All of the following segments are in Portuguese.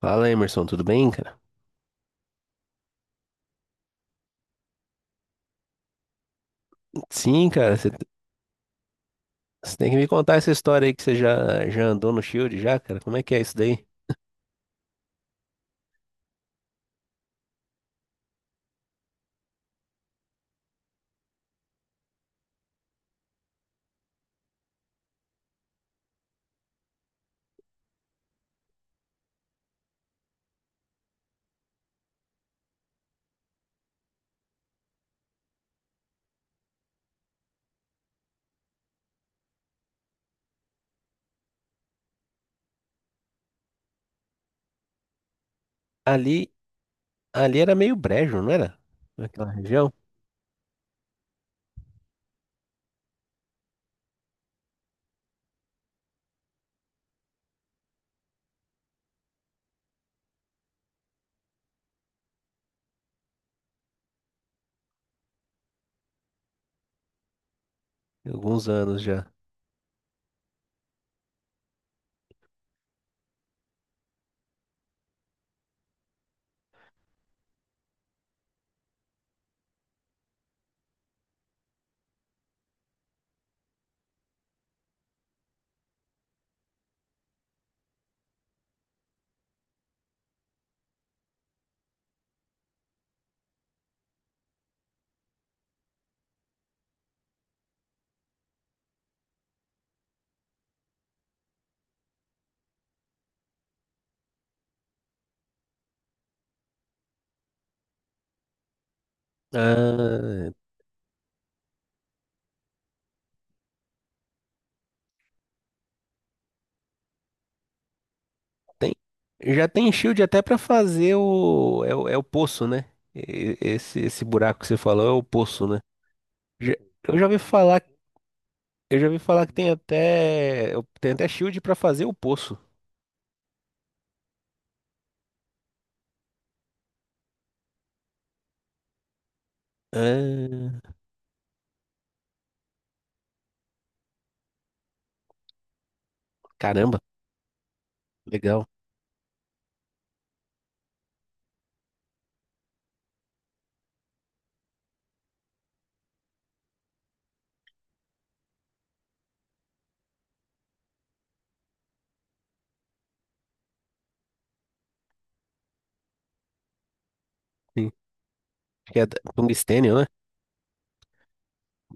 Fala, Emerson, tudo bem, cara? Sim, cara, você tem que me contar essa história aí que você já andou no Shield já, cara. Como é que é isso daí? Ali, ali era meio brejo, não era? Naquela região? Tem alguns anos já. Ah, tem, já tem Shield até pra fazer o, é, o, é o poço, né? Esse buraco que você falou é o poço, né? Já- eu já ouvi falar, eu já ouvi falar que tem até Shield pra fazer o poço. Ah, caramba, legal. Que é tungstênio, né?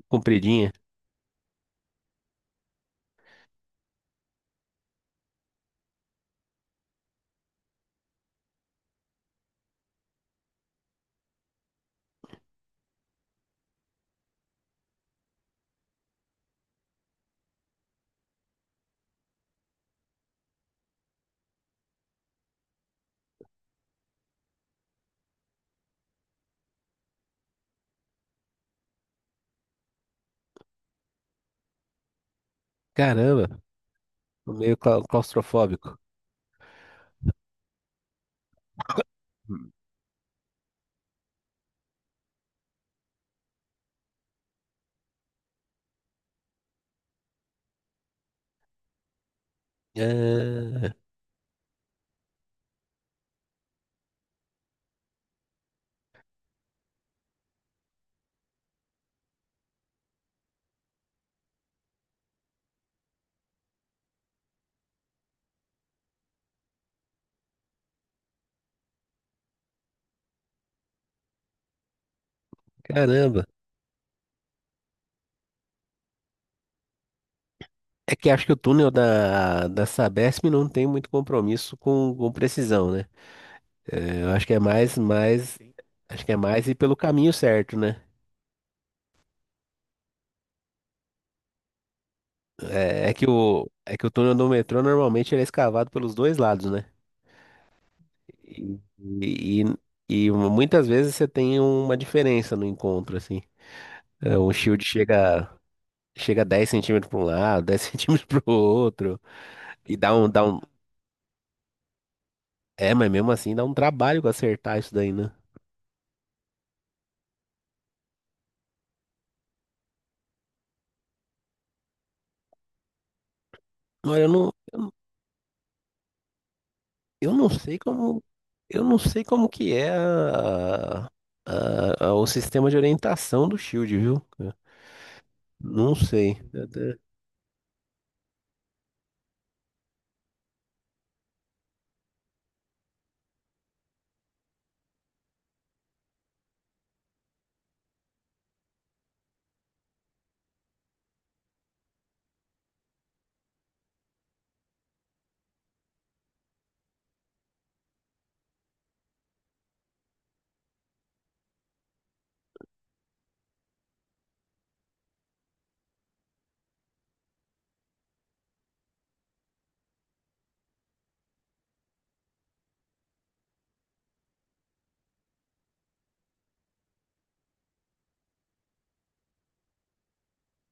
Compridinha. Caramba, meio claustrofóbico. Ah, caramba. É que acho que o túnel da Sabesp não tem muito compromisso com precisão, né? É, eu acho que é acho que é mais ir pelo caminho certo, né? É, é que o túnel do metrô normalmente ele é escavado pelos dois lados, né? E, e, e muitas vezes você tem uma diferença no encontro, assim. É, o shield chega 10 cm para um lado, 10 centímetros para o outro, e dá um. É, mas mesmo assim dá um trabalho pra acertar isso daí, né? Mas eu não sei como. Eu não sei como que é o sistema de orientação do Shield, viu? Não sei.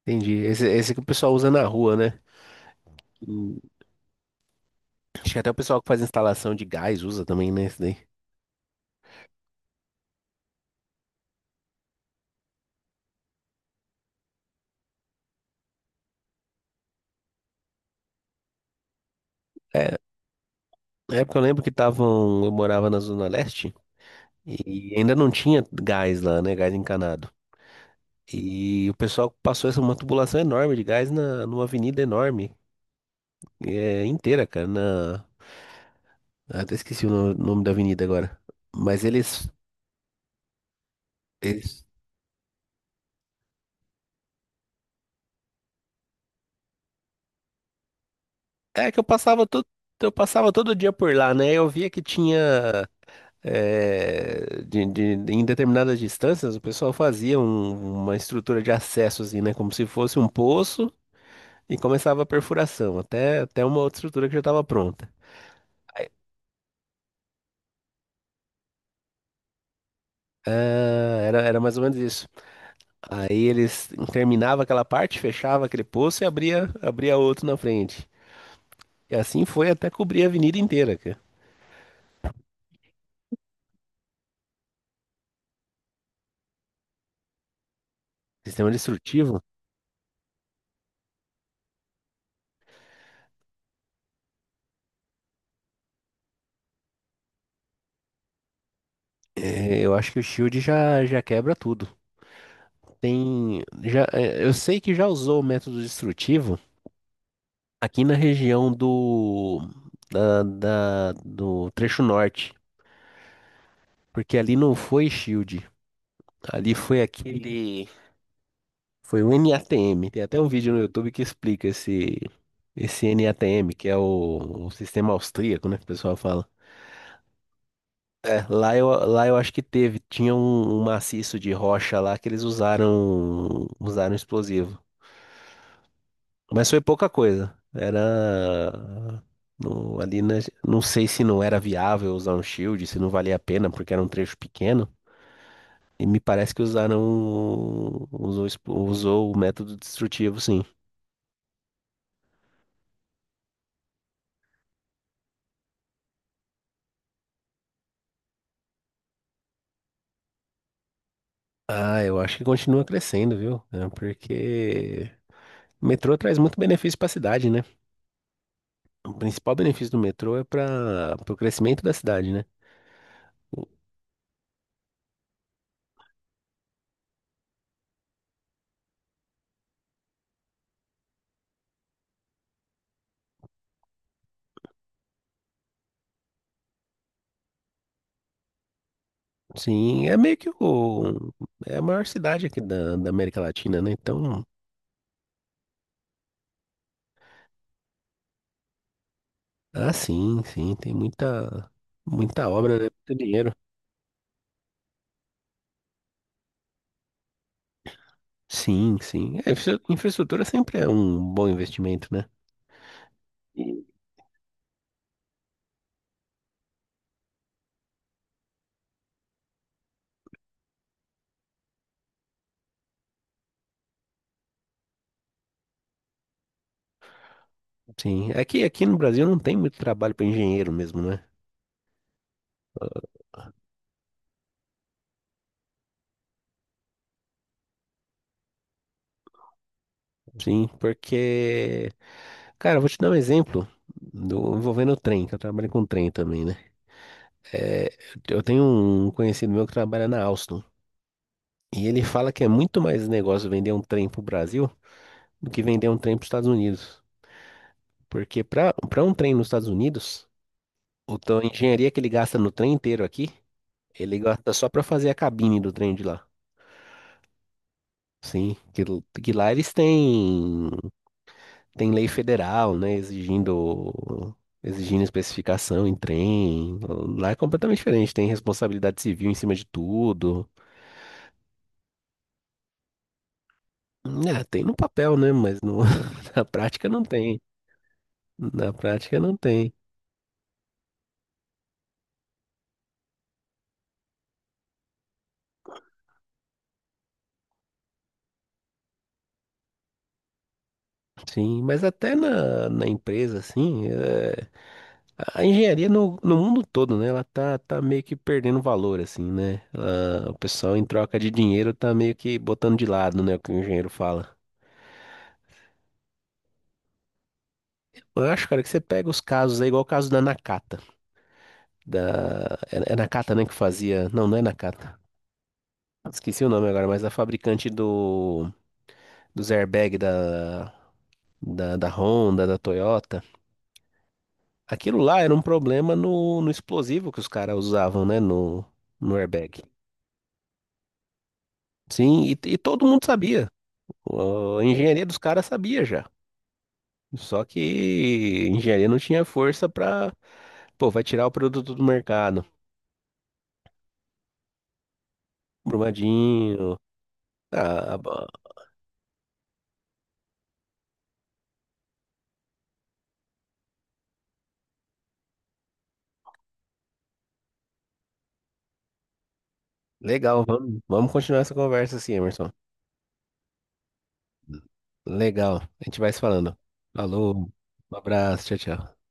Entendi. Esse que o pessoal usa na rua, né? Hum, acho que até o pessoal que faz instalação de gás usa também, né? Esse daí. É, na época eu lembro que estavam. Eu morava na Zona Leste e ainda não tinha gás lá, né? Gás encanado. E o pessoal passou essa uma tubulação enorme de gás numa avenida enorme, é, inteira, cara. Na, eu até esqueci o nome da avenida agora. Mas eles, eles. É que eu passava todo dia por lá, né? Eu via que tinha. É, em determinadas distâncias, o pessoal fazia uma estrutura de acesso, assim, né? Como se fosse um poço e começava a perfuração, até uma outra estrutura que já estava pronta. Ah, era, era mais ou menos isso. Aí eles terminava aquela parte, fechava aquele poço e abria outro na frente. E assim foi até cobrir a avenida inteira, cara. Sistema destrutivo, é, eu acho que o Shield já quebra tudo. Tem, já, é, eu sei que já usou o método destrutivo aqui na região do trecho norte, porque ali não foi Shield, ali foi aquele Foi o NATM. Tem até um vídeo no YouTube que explica esse NATM, que é o sistema austríaco, né? Que o pessoal fala. É, lá eu acho que teve. Tinha um, um maciço de rocha lá que eles usaram explosivo. Mas foi pouca coisa. Era. no- ali na- não sei se não era viável usar um shield, se não valia a pena, porque era um trecho pequeno. E me parece que usaram. Usou, usou o método destrutivo, sim. Ah, eu acho que continua crescendo, viu? É, porque o metrô traz muito benefício para a cidade, né? O principal benefício do metrô é para o crescimento da cidade, né? Sim, é meio que o, é a maior cidade aqui da América Latina, né? Então, ah, muita obra, né? Muito dinheiro. Sim, sim. É, infraestrutura sempre é um bom investimento, né? E- Sim, aqui no Brasil não tem muito trabalho para engenheiro mesmo, né? Sim, porque cara, eu vou te dar um exemplo do, envolvendo o trem, que eu trabalho com trem também, né? É, eu tenho um conhecido meu que trabalha na Alstom. E ele fala que é muito mais negócio vender um trem pro Brasil do que vender um trem para os Estados Unidos. Porque para um trem nos Estados Unidos, a engenharia que ele gasta no trem inteiro aqui, ele gasta só para fazer a cabine do trem de lá. Sim, que lá eles têm. Tem lei federal, né, exigindo especificação em trem. Lá é completamente diferente, tem responsabilidade civil em cima de tudo. É, tem no papel, né, mas no- na prática não tem. Na prática não tem. Sim, mas até na empresa, assim, é, a engenharia no mundo todo, né? Ela tá meio que perdendo valor, assim, né? Ela- o pessoal, em troca de dinheiro, tá meio que botando de lado, né? O que o engenheiro fala. Eu acho, cara, que você pega os casos aí, igual o caso da Nakata. É Nakata, né, que fazia. Não, não é Nakata. Esqueci o nome agora, mas a fabricante do dos airbag da Honda, da Toyota. Aquilo lá era um problema no explosivo que os caras usavam, né, no airbag. Sim, e todo mundo sabia. A engenharia dos caras sabia já. Só que a engenharia não tinha força pra, pô, vai tirar o produto do mercado. Brumadinho. Ah, bom. Legal, vamos continuar essa conversa assim, Emerson. Legal. A gente vai se falando. Falou. Um abraço. Tchau, tchau.